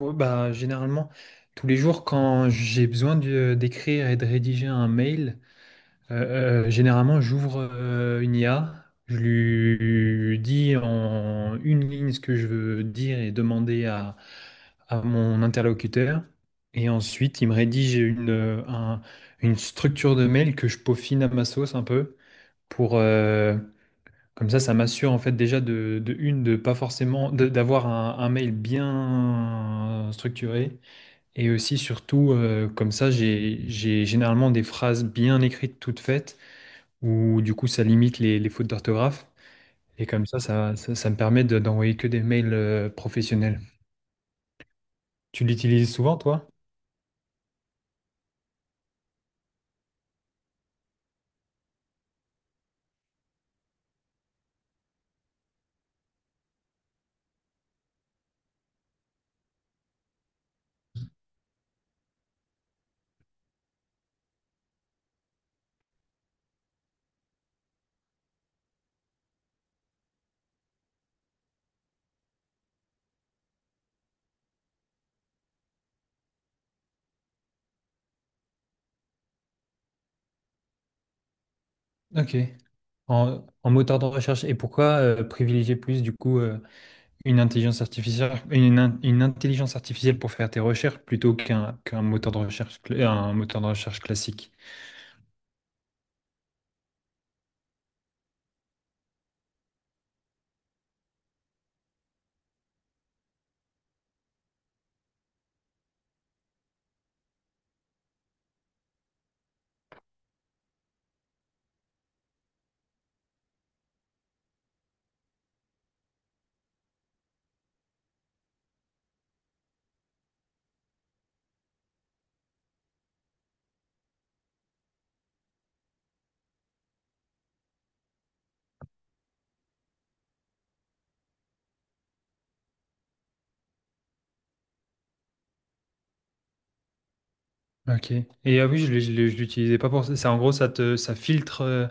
Ouais, bah, généralement, tous les jours, quand j'ai besoin d'écrire et de rédiger un mail, généralement, j'ouvre une IA, je lui dis en une ligne ce que je veux dire et demander à mon interlocuteur. Et ensuite, il me rédige une structure de mail que je peaufine à ma sauce un peu pour... euh, comme ça m'assure en fait déjà de une, de pas forcément, d'avoir un mail bien structuré et aussi, surtout, comme ça, j'ai généralement des phrases bien écrites, toutes faites, où du coup, ça limite les fautes d'orthographe. Et comme ça me permet d'envoyer que des mails professionnels. Tu l'utilises souvent, toi? Ok. En moteur de recherche. Et pourquoi privilégier plus, du coup, une intelligence artificielle, une intelligence artificielle pour faire tes recherches plutôt qu'un moteur de recherche, un moteur de recherche classique? Ok. Et ah oui, je l'utilisais pas pour ça. En gros, ça filtre. euh,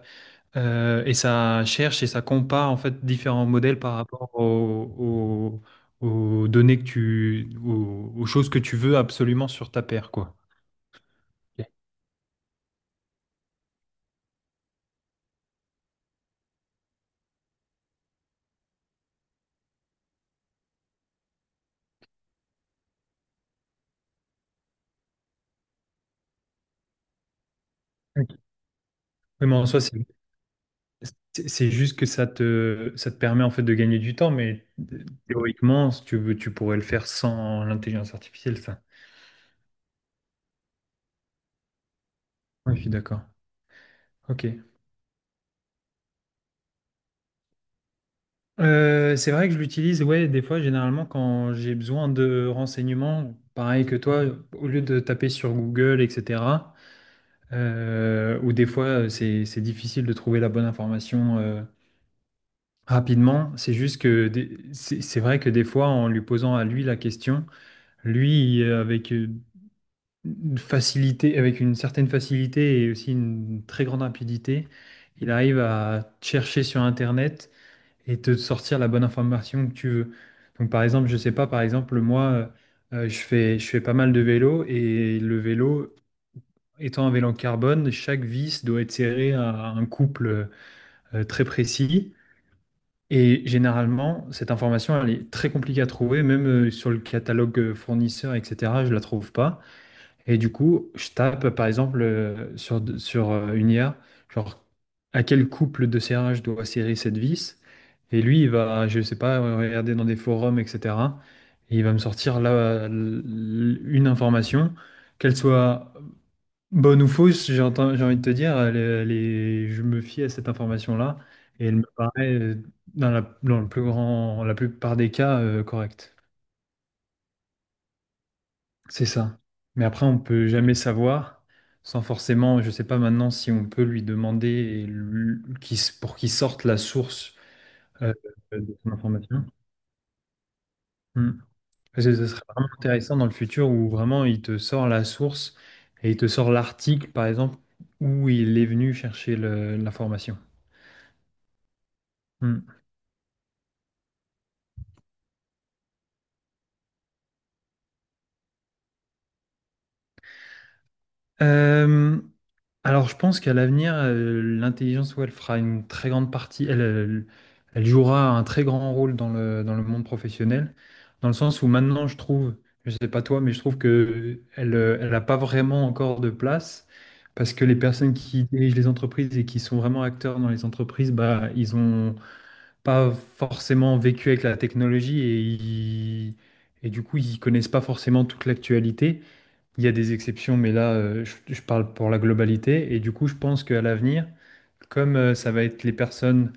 Euh, et ça cherche et ça compare en fait différents modèles par rapport aux données aux choses que tu veux absolument sur ta paire, quoi. Ok. Ok. Oui, mais en soi, c'est juste que ça te permet en fait de gagner du temps, mais théoriquement, si tu veux, tu pourrais le faire sans l'intelligence artificielle, ça. Oui, je suis d'accord. Ok. C'est vrai que je l'utilise, ouais, des fois, généralement, quand j'ai besoin de renseignements, pareil que toi, au lieu de taper sur Google, etc. Ou des fois c'est difficile de trouver la bonne information rapidement. C'est juste que c'est vrai que des fois en lui posant à lui la question, lui, avec une facilité, avec une certaine facilité et aussi une très grande rapidité, il arrive à chercher sur Internet et te sortir la bonne information que tu veux. Donc par exemple, je sais pas, par exemple moi. Je fais pas mal de vélo et le vélo, étant un vélo en carbone, chaque vis doit être serrée à un couple très précis. Et généralement, cette information, elle est très compliquée à trouver, même sur le catalogue fournisseur, etc. Je la trouve pas. Et du coup, je tape, par exemple, sur une IA, genre à quel couple de serrage doit serrer cette vis. Et lui, il va, je sais pas, regarder dans des forums, etc. Et il va me sortir là, une information, qu'elle soit bonne ou fausse, j'ai envie de te dire, je me fie à cette information-là et elle me paraît, dans le plus grand, la plupart des cas, correcte. C'est ça. Mais après, on peut jamais savoir sans forcément, je sais pas maintenant si on peut lui demander et lui- qu'il pour qu'il sorte la source euh, de son information. Hmm. Parce que ce serait vraiment intéressant dans le futur où vraiment il te sort la source et il te sort l'article, par exemple, où il est venu chercher l'information. Hmm. Euh, alors, je pense qu'à l'avenir, l'intelligence, ouais, elle fera une très grande partie, elle jouera un très grand rôle dans le monde professionnel, dans le sens où maintenant, je trouve, je sais pas toi, mais je trouve que elle n'a pas vraiment encore de place, parce que les personnes qui dirigent les entreprises et qui sont vraiment acteurs dans les entreprises, bah, ils ont pas forcément vécu avec la technologie et du coup, ils connaissent pas forcément toute l'actualité. Il y a des exceptions, mais là, je parle pour la globalité. Et du coup, je pense qu'à l'avenir, comme ça va être les personnes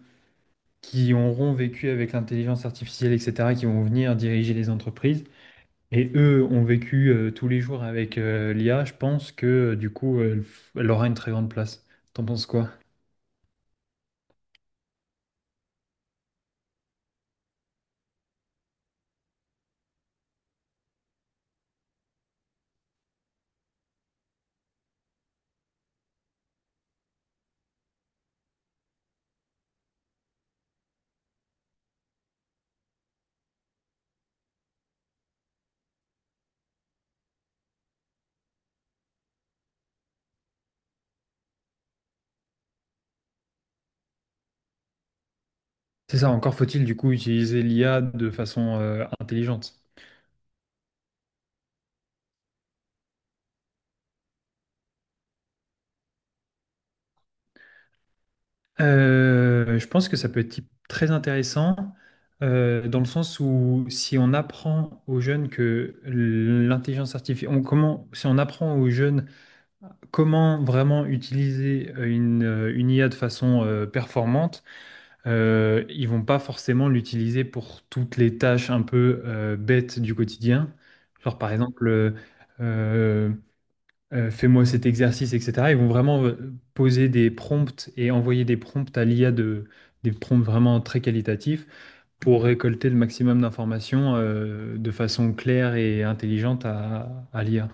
qui auront vécu avec l'intelligence artificielle, etc., qui vont venir diriger les entreprises, et eux ont vécu tous les jours avec l'IA, je pense que du coup, elle, aura une très grande place. T'en penses quoi? C'est ça, encore faut-il du coup utiliser l'IA de façon intelligente. Je pense que ça peut être très intéressant dans le sens où si on apprend aux jeunes que l'intelligence artificielle, comment, si on apprend aux jeunes comment vraiment utiliser une IA de façon performante, ils vont pas forcément l'utiliser pour toutes les tâches un peu bêtes du quotidien. Genre par exemple, euh, fais-moi cet exercice, etc. Ils vont vraiment poser des prompts et envoyer des prompts à l'IA des prompts vraiment très qualitatifs pour récolter le maximum d'informations de façon claire et intelligente à l'IA.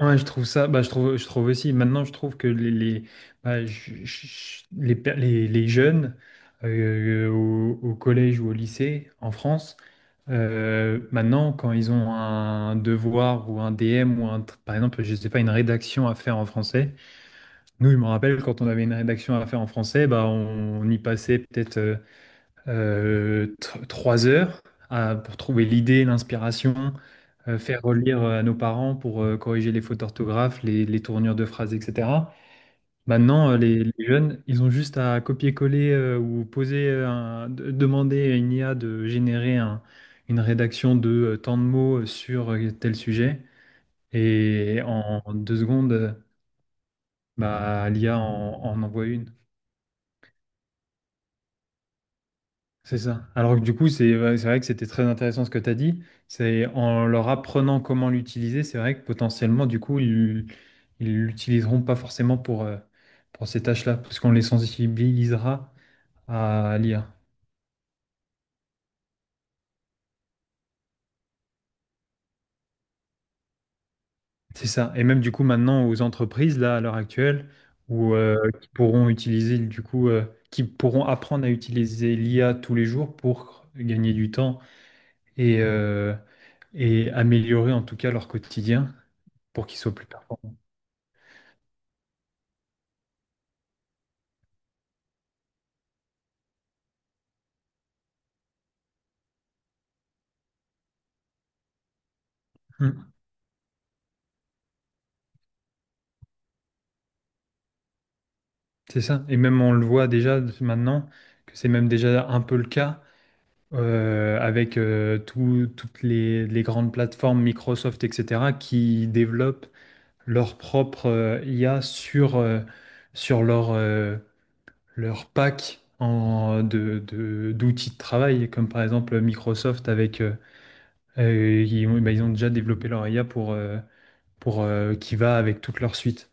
Ouais, je trouve ça, bah, je trouve aussi, maintenant je trouve que bah, les jeunes au collège ou au lycée en France, maintenant quand ils ont un devoir ou un DM ou par exemple, je sais pas, une rédaction à faire en français, nous, je me rappelle quand on avait une rédaction à faire en français, bah, on y passait peut-être trois heures pour trouver l'idée, l'inspiration, faire relire à nos parents pour corriger les fautes d'orthographe, les tournures de phrases, etc. Maintenant, les jeunes, ils ont juste à copier-coller ou poser, demander à une IA de générer une rédaction de tant de mots sur tel sujet. Et en deux secondes, bah, l'IA en envoie une. C'est ça. Alors que du coup, c'est ouais, c'est vrai que c'était très intéressant ce que tu as dit. C'est en leur apprenant comment l'utiliser, c'est vrai que potentiellement, du coup, ils l'utiliseront pas forcément pour ces tâches-là, parce qu'on les sensibilisera à l'IA. C'est ça. Et même du coup, maintenant, aux entreprises, là, à l'heure actuelle, où, euh, qui pourront apprendre à utiliser l'IA tous les jours pour gagner du temps et, euh, et améliorer en tout cas leur quotidien pour qu'ils soient plus performants. Mmh. C'est ça. Et même on le voit déjà maintenant, que c'est même déjà un peu le cas avec toutes les grandes plateformes, Microsoft, etc., qui développent leur propre IA sur leur pack d'outils de travail, comme par exemple Microsoft avec bah, ils ont déjà développé leur IA pour qui va avec toute leur suite.